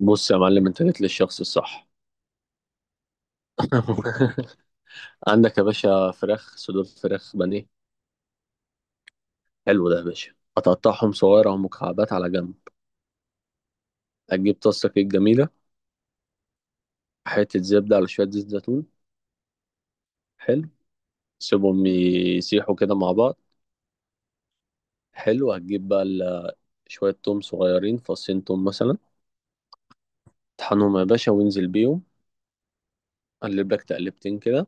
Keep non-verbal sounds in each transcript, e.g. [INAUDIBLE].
بص يا معلم، انت جيت للشخص الصح. [LAUGHS] عندك يا باشا فراخ، صدور فراخ بانيه؟ حلو، ده يا باشا هتقطعهم صغيرة أو مكعبات على جنب. هتجيب طاسة كده جميلة، حتة زبدة على شوية زيت زيتون. حلو، سيبهم يسيحوا كده مع بعض. حلو، هتجيب بقى شوية توم صغيرين، فصين توم مثلا. طحنهم يا باشا وانزل بيهم، قلب لك تقلبتين كده.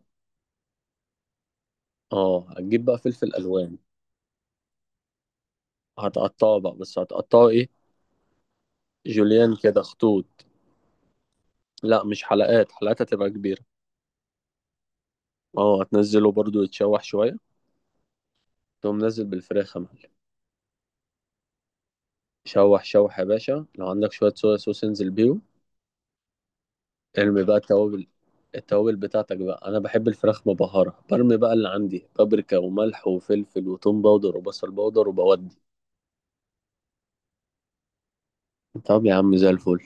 اه، هتجيب بقى فلفل ألوان، هتقطعه بقى، بس هتقطعه ايه؟ جوليان كده خطوط. لا مش حلقات، حلقات هتبقى كبيرة. اه هتنزله برضو يتشوح شوية، تقوم نزل بالفراخ يا معلم. شوح شوح يا باشا، لو عندك شوية صويا صوص انزل بيهم. ارمي بقى التوابل، التوابل بتاعتك بقى. انا بحب الفراخ مبهرة، برمي بقى اللي عندي بابريكا وملح وفلفل وتوم باودر وبصل باودر وبودي. طب يا عم زي الفل.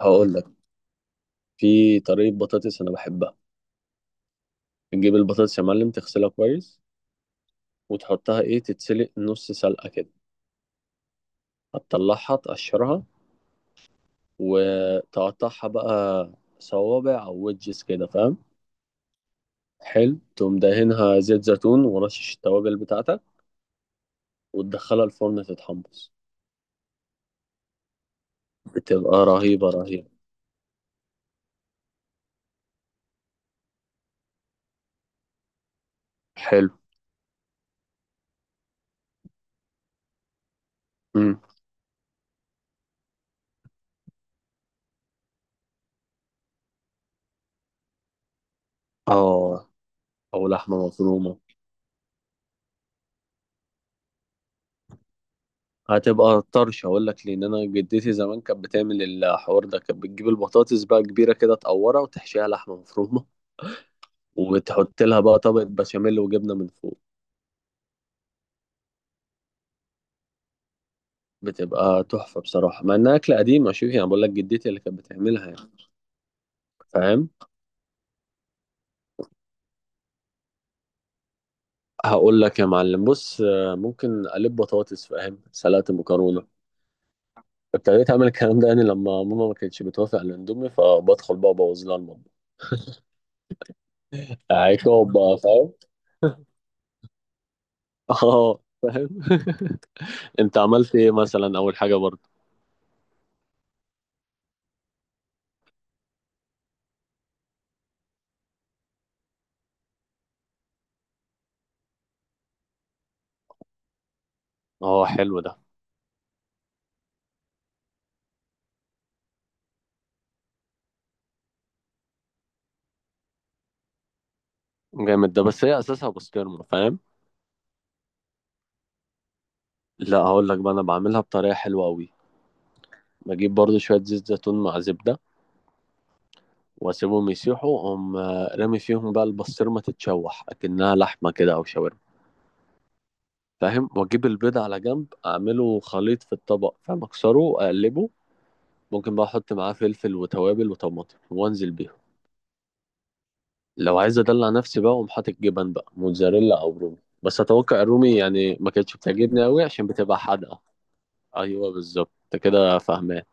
هقول لك، في طريقة بطاطس انا بحبها. تجيب البطاطس يا معلم، تغسلها كويس، وتحطها ايه، تتسلق نص سلقة كده. هتطلعها، تقشرها، وتقطعها بقى صوابع او ويدجز كده، فاهم؟ حلو، تقوم دهنها زيت زيتون ورشش التوابل بتاعتك، وتدخلها الفرن تتحمص. بتبقى رهيبة رهيبة. حلو. امم. اه، او لحمة مفرومة. هتبقى طرش، اقول لك، لان انا جدتي زمان كانت بتعمل الحوار ده، كانت بتجيب البطاطس بقى كبيرة كده، تقورها وتحشيها لحمة مفرومة، وتحط لها بقى طبقة بشاميل وجبنة من فوق. بتبقى تحفة بصراحة، مع انها اكلة قديمة. شوف يعني، بقول لك جدتي اللي كانت بتعملها يعني، فاهم. هقول لك يا معلم، بص، ممكن اقلب بطاطس، فاهم، سلطه، مكرونه. ابتديت اعمل الكلام ده يعني لما ماما ما كانتش بتوافق على الاندومي، فبدخل بقى ابوظ لها المطبخ. عقاب بقى، فاهم. [LAUGHS] اه فاهم. [LAUGHS] انت عملت ايه مثلا اول حاجه برضه؟ اه حلو ده. جامد ده، بس هي اساسها بسطرمه، فاهم. لا هقول لك بقى، انا بعملها بطريقه حلوه قوي. بجيب برضه شويه زيت زيتون مع زبده، واسيبهم يسيحوا، اقوم رامي فيهم بقى البسطرمه تتشوح اكنها لحمه كده او شاورما، فاهم. واجيب البيض على جنب، اعمله خليط في الطبق، فاهم، اكسره اقلبه. ممكن بقى احط معاه فلفل وتوابل وطماطم وانزل بيهم. لو عايز ادلع نفسي بقى، اقوم حاطط جبن بقى موتزاريلا او رومي. بس اتوقع الرومي يعني ما كانتش بتعجبني قوي عشان بتبقى حادقه. ايوه بالظبط، انت كده فاهمان.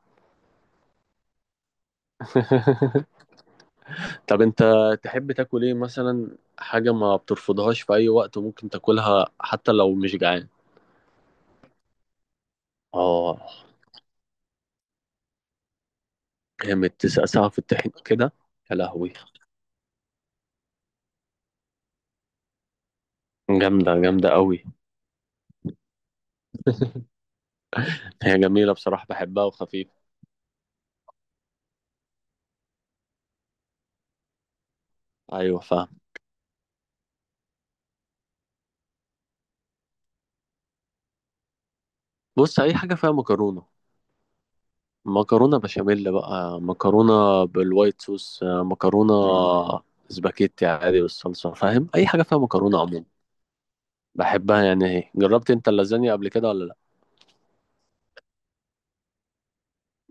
[LAUGHS] طب انت تحب تاكل ايه مثلا، حاجه ما بترفضهاش في اي وقت وممكن تاكلها حتى لو مش جعان؟ اه جامد، تسقسها في الطحين كده. يا لهوي، جامده جامده قوي. هي جميلة بصراحة، بحبها وخفيفة. أيوة فاهم. بص، أي حاجة فيها مكرونة، مكرونة بشاميل بقى، مكرونة بالوايت صوص، مكرونة سباكيتي عادي بالصلصة، فاهم، أي حاجة فيها مكرونة عموما. بحبها يعني. هي جربت أنت اللازانيا قبل كده ولا لأ؟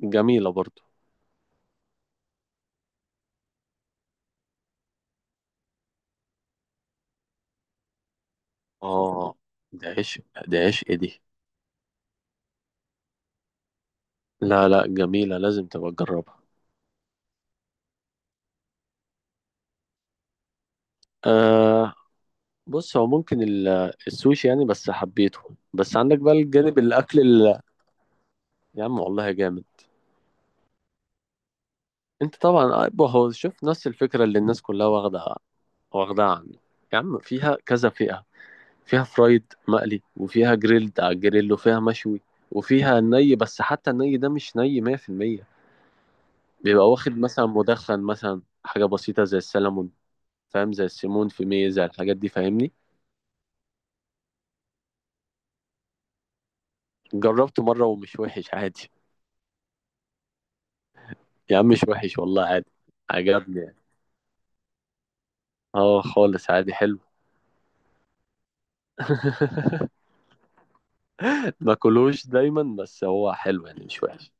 جميلة برضو. آه، دي عشق، دي عشق دي. لا لا، جميلة، لازم تبقى تجربها. آه، بص، هو ممكن السوشي يعني، بس حبيته. بس عندك بقى الجانب الأكل يا عم والله جامد. انت طبعا أبو هو، شوف، نفس الفكره اللي الناس كلها واخده، واخدها عنه. يا عم فيها كذا فئه، فيها فرايد مقلي، وفيها جريلد على الجريل، وفيها مشوي، وفيها ني. بس حتى الني ده مش ني 100%، بيبقى واخد مثلا مدخن، مثلا حاجه بسيطه زي السلمون، فاهم، زي السيمون في ميه، زي الحاجات دي فاهمني. جربته مره ومش وحش عادي. يا عم مش وحش والله، عادي. عجبني يعني. اه خالص عادي، حلو. [LAUGHS] ما كلوش دايما، بس هو حلو يعني، مش وحش.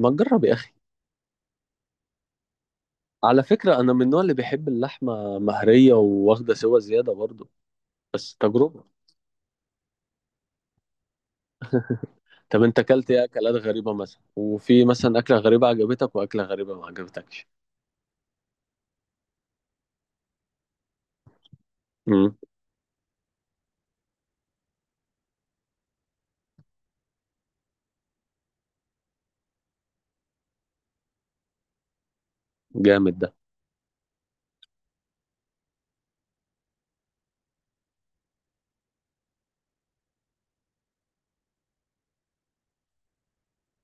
ما تجرب يا اخي. على فكرة أنا من النوع اللي بيحب اللحمة مهرية وواخدة سوا زيادة برضو. بس تجربة. طب أنت أكلت إيه أكلات غريبة مثلا، وفي مثلا أكلة غريبة عجبتك وأكلة غريبة ما عجبتكش؟ امم. جامد ده.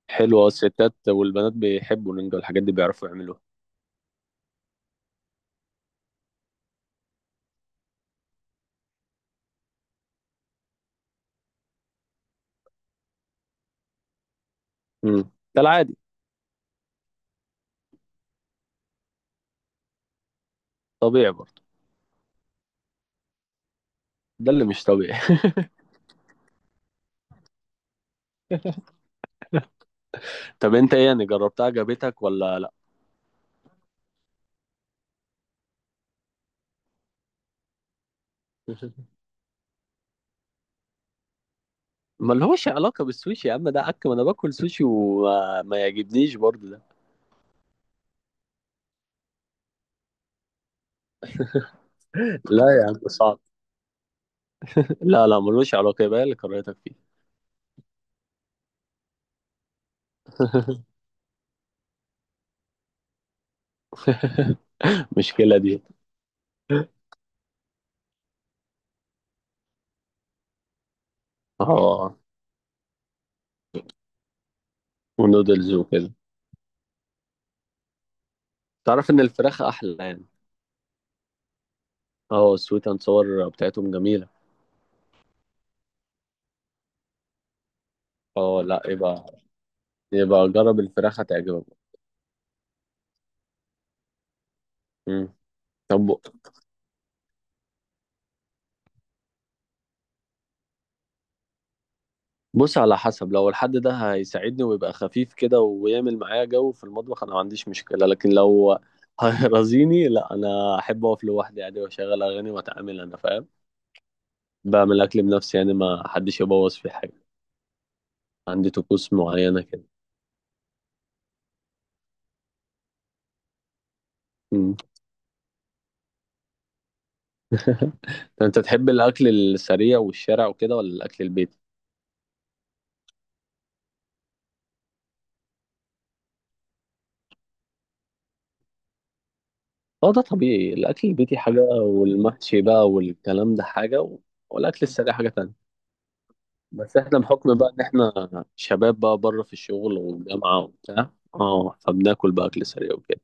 حلو، أه الستات والبنات بيحبوا النينجا والحاجات دي، بيعرفوا يعملوها. امم، ده العادي. طبيعي برضو. ده اللي مش طبيعي. [LAUGHS] طب أنت إيه يعني، جربتها عجبتك ولا لأ؟ [LAUGHS] ما لهوش علاقة بالسوشي يا عم، ده عك، ما أنا باكل سوشي وما ما يعجبنيش برضو ده. لا يا عم صعب. لا لا، ملوش علاقة، يبقى هي اللي كرهتك فيه. [LAUGHS] المشكلة دي. اه، ونودلز وكده. تعرف ان الفراخ احلى يعني. اه، السويت اند صور بتاعتهم جميلة. اه لا، يبقى يبقى جرب الفراخ، هتعجبك. مم. طب بص، على حسب، لو الحد ده هيساعدني ويبقى خفيف كده ويعمل معايا جو في المطبخ، انا ما عنديش مشكلة. لكن لو هيرازيني لا، انا احب اقف لوحدي عادي، واشغل اغاني واتعامل انا، فاهم. بعمل اكل بنفسي يعني، ما حدش يبوظ في حاجة، عندي طقوس معينة كده. مم. [LAUGHS] ده انت تحب الاكل السريع والشارع وكده ولا الاكل البيتي؟ اه ده طبيعي، الاكل البيتي حاجه والمحشي بقى والكلام ده حاجه, والاكل السريع حاجه تانية. بس احنا بحكم بقى ان احنا شباب بقى بره في الشغل والجامعه وبتاع، اه، فبناكل بقى اكل سريع وكده.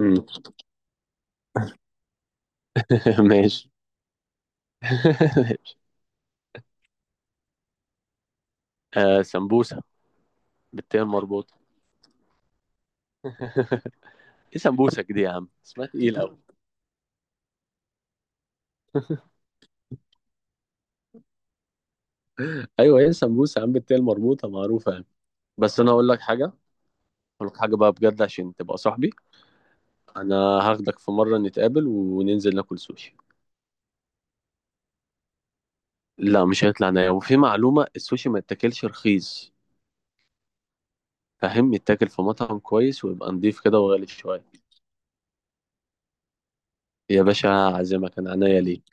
مم. [LAUGHS] ماشي. [LAUGHS] آه سمبوسه بالتين مربوطه. [LAUGHS] ايه سمبوسك دي يا عم، اسمها تقيل قوي. ايوه، ايه سمبوسه يا عم، بالتين مربوطه معروفه يعني. بس انا اقول لك حاجه، اقول لك حاجه بقى بجد عشان تبقى صاحبي. انا هاخدك في مره نتقابل وننزل ناكل سوشي. لا مش هيطلع نايا، وفي معلومه، السوشي ما يتاكلش رخيص، فاهم، يتاكل في مطعم كويس ويبقى نضيف كده، وغالي شويه. يا باشا عازمك، انا عينيا ليك.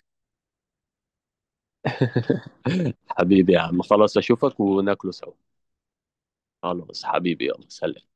[LAUGHS] حبيبي يا عم، خلاص اشوفك وناكله سوا. خلاص حبيبي، يلا سلام.